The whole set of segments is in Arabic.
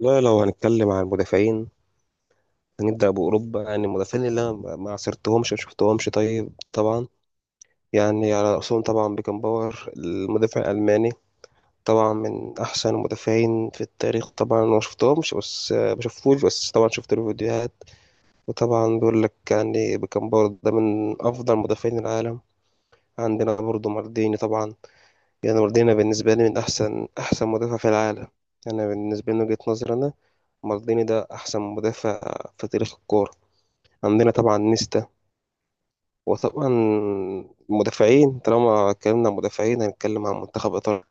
لا، لو هنتكلم عن المدافعين هنبدأ بأوروبا. يعني المدافعين اللي أنا ما عاصرتهمش ما شفتهمش، طيب طبعا يعني على رأسهم طبعا بيكنباور المدافع الألماني. طبعا من أحسن المدافعين في التاريخ. طبعا أنا ما شفتهمش بس ما شفتوش، بس طبعا شفت له فيديوهات. وطبعا بيقول لك يعني بيكنباور ده من أفضل مدافعين العالم. عندنا برضه مارديني طبعا. يعني مارديني بالنسبة لي من أحسن مدافع في العالم. أنا بالنسبة لي من وجهة نظري أنا، مارديني ده أحسن مدافع في تاريخ الكورة. عندنا طبعا نيستا، وطبعا المدافعين طالما اتكلمنا عن مدافعين هنتكلم عن منتخب إيطاليا.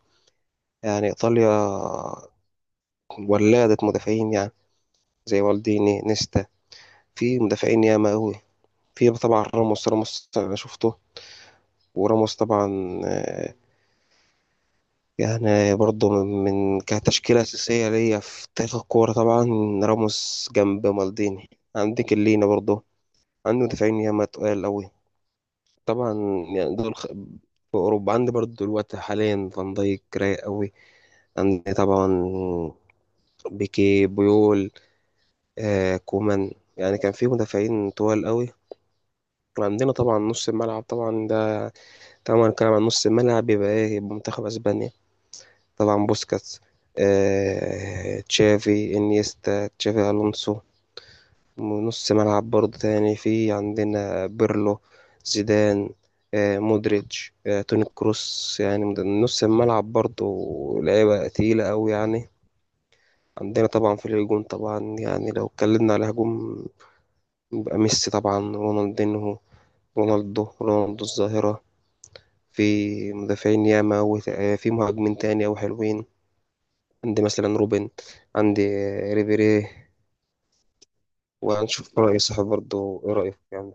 يعني إيطاليا ولادة مدافعين يعني، زي والديني، نيستا. في مدافعين ياما أوي. في طبعا راموس. راموس أنا شفته، وراموس طبعا آه، يعني برضه من كتشكيلة أساسية ليا في تاريخ الكورة. طبعا راموس جنب مالديني. عندك اللينا برضه. عنده مدافعين ياما تقال أوي طبعا. يعني دول خ... في أوروبا عندي برضو دلوقتي حاليا فان دايك، رايق أوي. عندي طبعا بيكي، بيول، آه كومان. يعني كان في مدافعين طوال أوي. وعندنا طبعا نص الملعب طبعا ده. طبعا هنتكلم عن نص الملعب، يبقى إيه؟ يبقى منتخب أسبانيا. طبعا بوسكاتس، آه تشافي، إنيستا، تشافي ألونسو. ونص ملعب برضه تاني في عندنا بيرلو، زيدان، مودريتش، توني كروس، يعني من نص الملعب برضه لعيبة تقيلة أوي يعني. عندنا طبعا في الهجوم، طبعا يعني لو اتكلمنا على هجوم يبقى ميسي طبعا، رونالدينهو، رونالدو، رونالدو الظاهرة. في مدافعين ياما في مهاجمين تاني أوي حلوين. عندي مثلا روبن، عندي ريبيري. وهنشوف رأي صاحب برضه، إيه رأيك يعني؟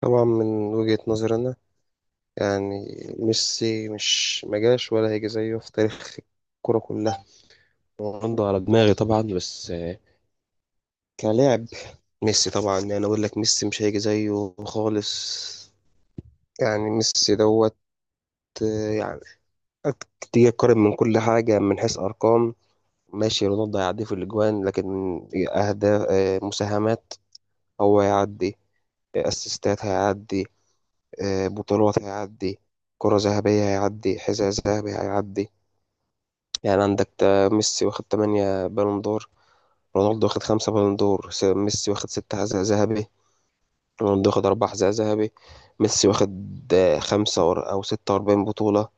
طبعا من وجهة نظري أنا، يعني ميسي مش مجاش ولا هيجي زيه في تاريخ الكرة كلها. رونالدو على دماغي طبعا، بس كلاعب ميسي طبعا، يعني أقول لك ميسي مش هيجي زيه خالص. يعني ميسي دوت، يعني تيجي تقارن من كل حاجة، من حيث أرقام ماشي، رونالدو هيعدي في الأجوان، لكن أهداف، مساهمات هو هيعدي، أسيستات هيعدي، بطولات هيعدي، كرة ذهبية هيعدي، حذاء ذهبي هيعدي. يعني عندك ميسي واخد 8 بالون دور، رونالدو واخد 5 بالون دور. ميسي واخد 6 حذاء ذهبي، رونالدو واخد 4 حذاء ذهبي. ميسي واخد خمسة أو 46 بطولة،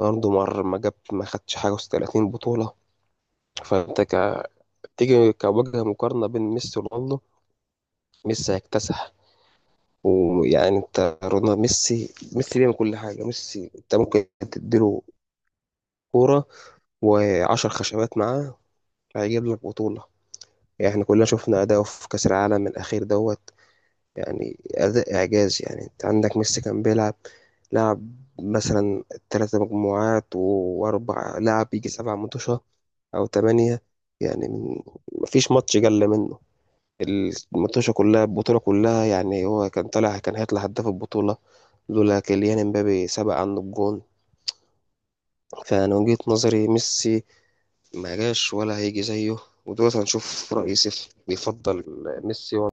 رونالدو ما جاب ما خدش حاجة و30 بطولة. فأنت ك... تيجي كوجه مقارنة بين ميسي ورونالدو، ميسي هيكتسح. ويعني انت، رونالدو، ميسي بيعمل كل حاجة. ميسي انت ممكن تديله كورة وعشر خشبات معاه هيجيب لك بطولة. يعني احنا كلنا شفنا أداؤه في كأس العالم الأخير دوت. يعني أداء إعجازي. يعني أنت عندك ميسي كان بيلعب، لعب مثلا 3 مجموعات و4 لعب، يجي 7 ماتشات أو تمانية. يعني من- مفيش ماتش جل منه، الماتشة كلها، البطولة كلها. يعني هو كان طالع، كان هيطلع هداف البطولة لولا كيليان امبابي سبق عنه الجون. فأنا من وجهة نظري ميسي ما جاش ولا هيجي زيه. ودلوقتي هنشوف رأي سيف، بيفضل ميسي ولا